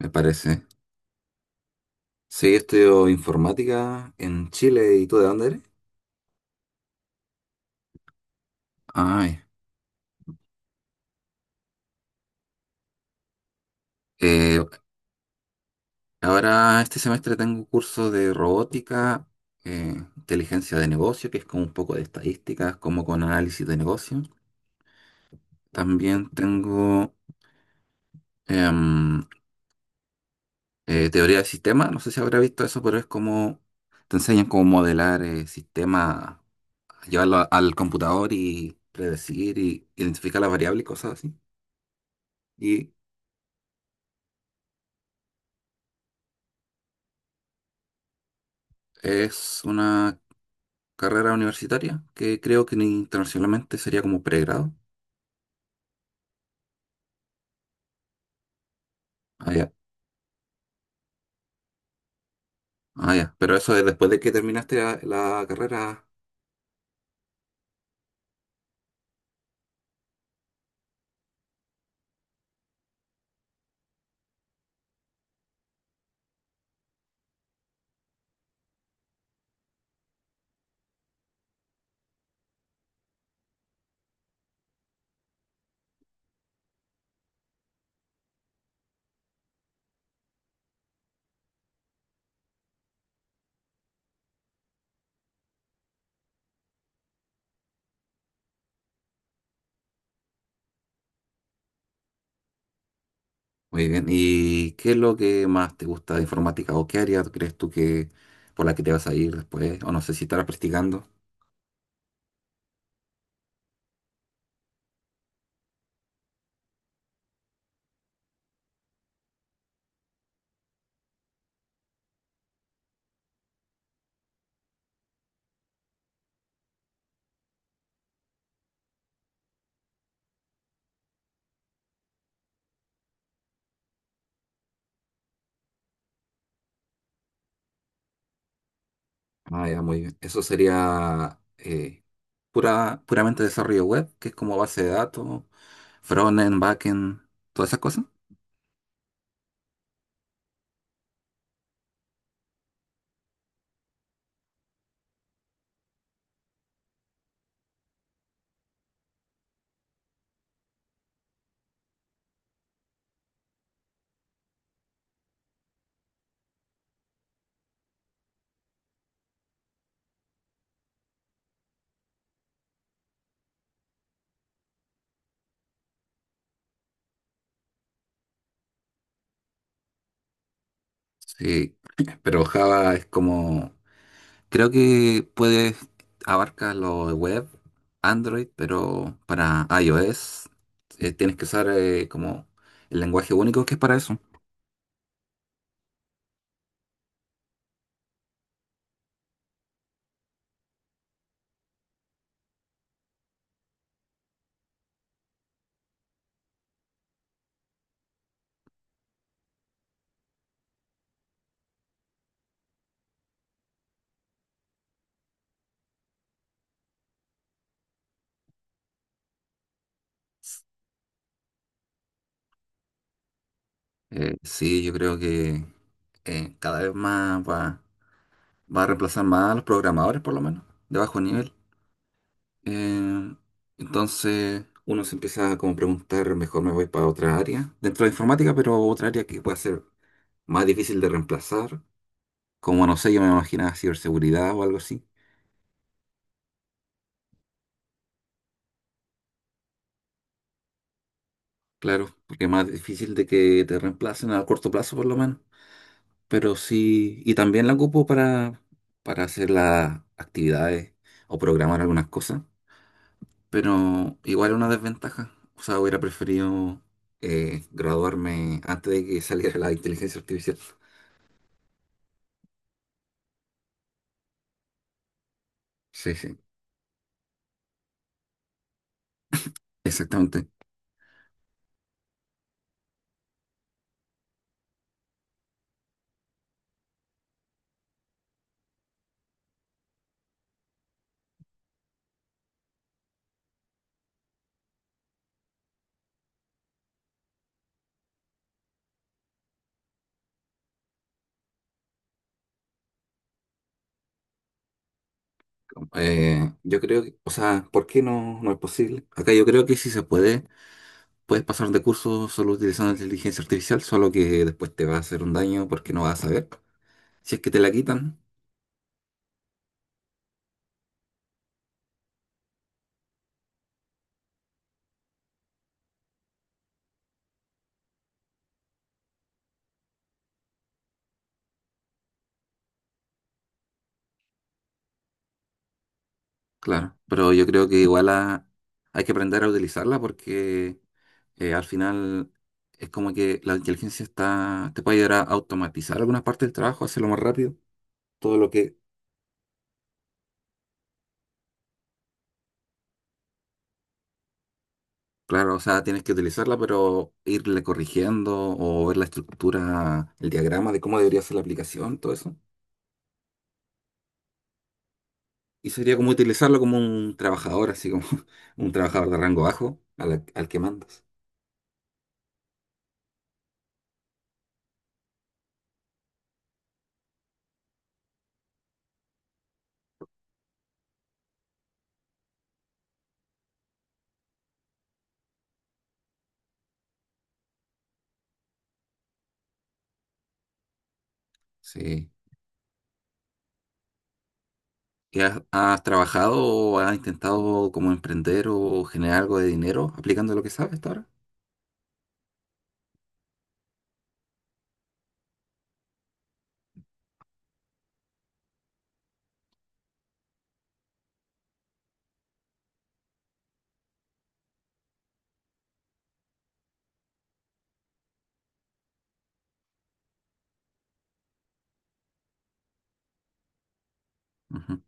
Me parece. Sí, estudio informática en Chile. ¿Y tú de dónde eres? Ay, eh, ahora este semestre tengo un curso de robótica, inteligencia de negocio, que es como un poco de estadísticas, como con análisis de negocio. También tengo em, teoría de sistemas, no sé si habrá visto eso, pero es como te enseñan cómo modelar sistemas, llevarlo al computador y predecir y identificar las variables y cosas así. Y es una carrera universitaria, que creo que internacionalmente sería como pregrado. Ah, ya. Ah, ya. Pero eso es después de que terminaste la carrera. Muy bien. ¿Y qué es lo que más te gusta de informática o qué área crees tú que por la que te vas a ir después? O no sé si estarás practicando. Ah, ya, muy bien. Eso sería puramente desarrollo web, que es como base de datos, frontend, backend, todas esas cosas. Sí, pero Java es como creo que puedes abarca lo de web, Android, pero para iOS tienes que usar como el lenguaje único que es para eso. Sí, yo creo que cada vez más va a reemplazar más a los programadores, por lo menos, de bajo nivel. Eh, entonces uno se empieza a como preguntar, mejor me voy para otra área dentro de informática, pero otra área que pueda ser más difícil de reemplazar, como no sé, yo me imaginaba ciberseguridad o algo así. Claro, porque es más difícil de que te reemplacen a corto plazo por lo menos. Pero sí, y también la ocupo para, hacer las actividades o programar algunas cosas. Pero igual es una desventaja. O sea, hubiera preferido graduarme antes de que saliera la inteligencia artificial. Sí, sí, exactamente. Yo creo que, o sea, ¿por qué no es posible? Acá yo creo que sí se puede. Puedes pasar de curso solo utilizando inteligencia artificial, solo que después te va a hacer un daño porque no vas a saber. Si es que te la quitan, claro. Pero yo creo que igual hay que aprender a utilizarla porque al final es como que la inteligencia está, te puede ayudar a automatizar algunas partes del trabajo, hacerlo más rápido. Todo lo que, claro, o sea, tienes que utilizarla, pero irle corrigiendo o ver la estructura, el diagrama de cómo debería ser la aplicación, todo eso. Y sería como utilizarlo como un trabajador, así como un trabajador de rango bajo al que mandas. Sí. ¿Qué has, has trabajado o has intentado como emprender o generar algo de dinero aplicando lo que sabes hasta ahora? Ujú.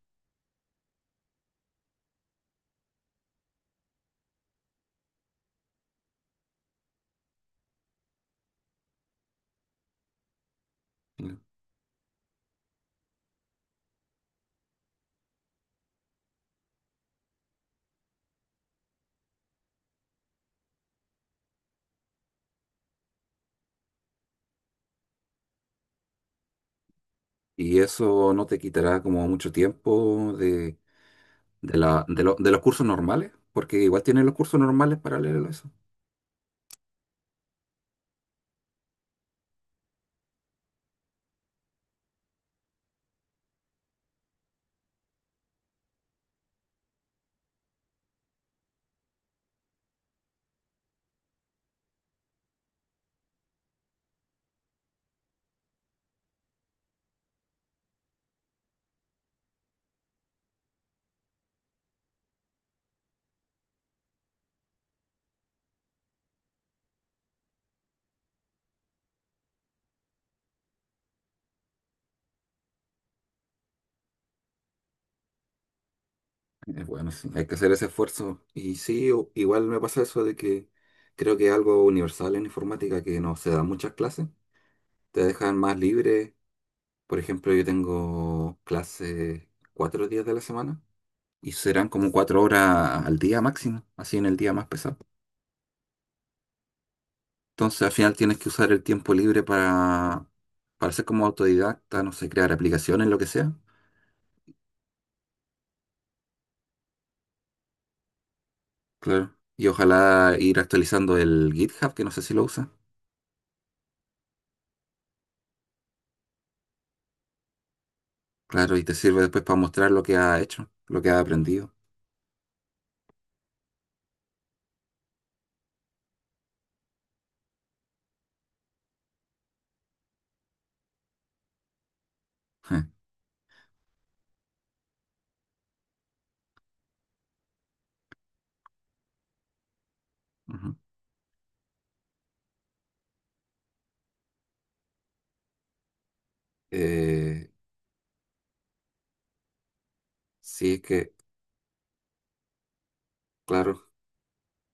¿Y eso no te quitará como mucho tiempo de la- de lo- de los cursos normales? Porque igual tienes los cursos normales paralelos a eso. Bueno, sí, hay que hacer ese esfuerzo. Y sí, igual me pasa eso de que creo que es algo universal en informática que no se dan muchas clases. Te dejan más libre. Por ejemplo, yo tengo clases 4 días de la semana y serán como 4 horas al día máximo, así en el día más pesado. Entonces al final tienes que usar el tiempo libre para, ser como autodidacta, no sé, crear aplicaciones, lo que sea. Claro. Y ojalá ir actualizando el GitHub, que no sé si lo usa. Claro, y te sirve después para mostrar lo que ha hecho, lo que ha aprendido. Je, ujú. Eh, sí, es que, claro,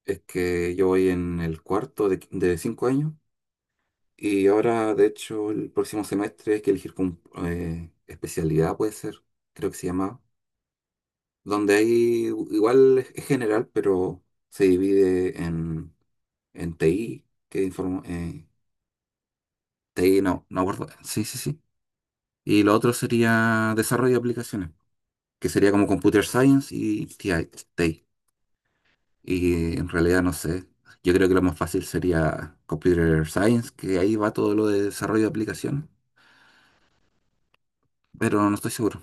es que yo voy en el cuarto de 5 años. Y ahora, de hecho, el próximo semestre hay que elegir con, especialidad, puede ser, creo que se llama, donde hay, igual es general, pero se divide en TI, que TI no, no acuerdo, sí, sí, sí. Y lo otro sería desarrollo de aplicaciones, que sería como Computer Science y TI. TI. Y en realidad no sé, yo creo que lo más fácil sería Computer Science, que ahí va todo lo de desarrollo de aplicaciones, pero no estoy seguro.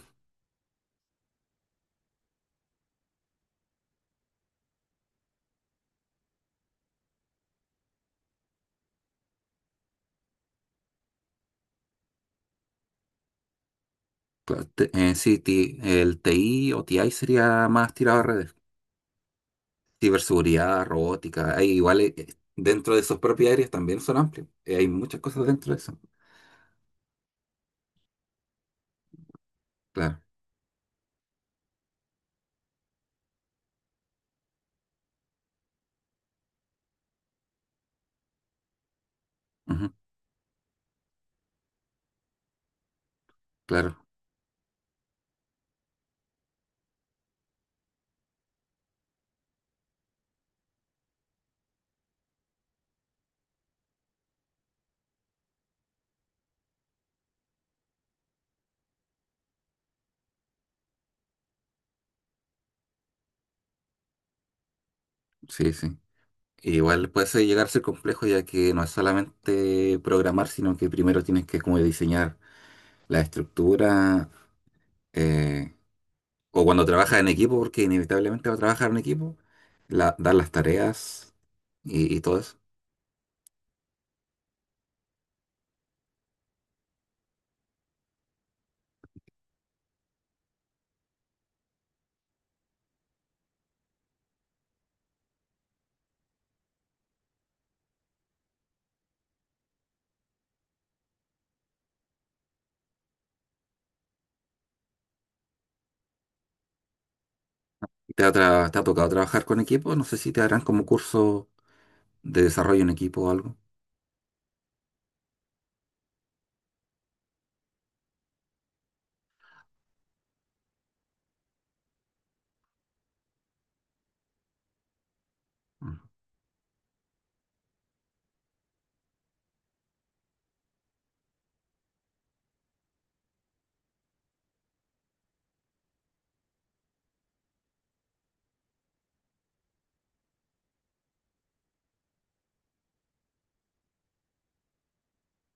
Claro, sí, el TI o TI sería más tirado a redes. Ciberseguridad, robótica, hay igual dentro de sus propias áreas también son amplios. Hay muchas cosas dentro de eso. Claro, ujú, claro, sí, sí. Igual puede ser- llegar a ser complejo ya que no es solamente programar, sino que primero tienes que como diseñar la estructura eh, o cuando trabajas en equipo, porque inevitablemente va a trabajar en equipo, dar las tareas y todo eso. ¿Te ha tocado trabajar con equipos? No sé si te harán como curso de desarrollo en equipo o algo. Mm.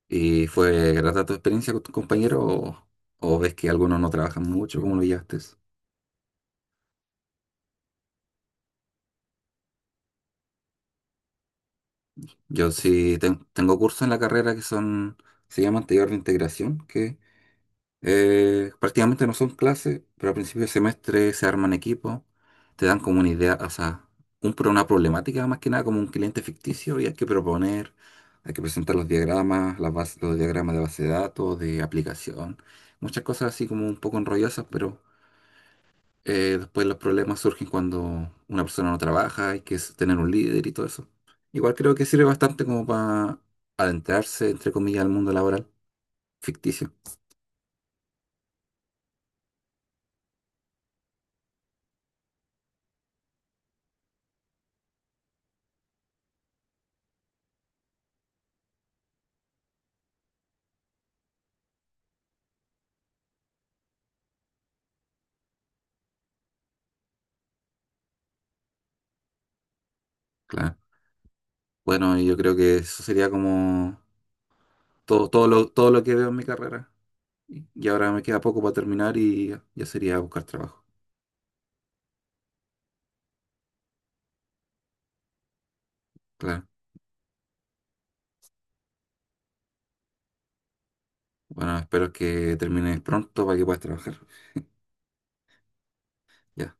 ¿Y fue grata tu experiencia con tus compañeros, o ves que algunos no trabajan mucho? ¿Cómo lo llevaste eso? Yo sí tengo cursos en la carrera que son, se llaman taller de integración, que eh, prácticamente no son clases, pero al principio de semestre se arman equipos, te dan como una idea, o sea, una problemática más que nada como un cliente ficticio y hay que proponer, hay que presentar los diagramas, los diagramas de base de datos, de aplicación, muchas cosas así como un poco enrollosas, pero después los problemas surgen cuando una persona no trabaja, hay que tener un líder y todo eso. Igual creo que sirve bastante como para adentrarse, entre comillas, al mundo laboral ficticio, claro. Bueno, y yo creo que eso sería como todo, todo lo que veo en mi carrera. Y ahora me queda poco para terminar y ya sería buscar trabajo. Claro. Bueno, espero que termines pronto para que puedas trabajar. Ya.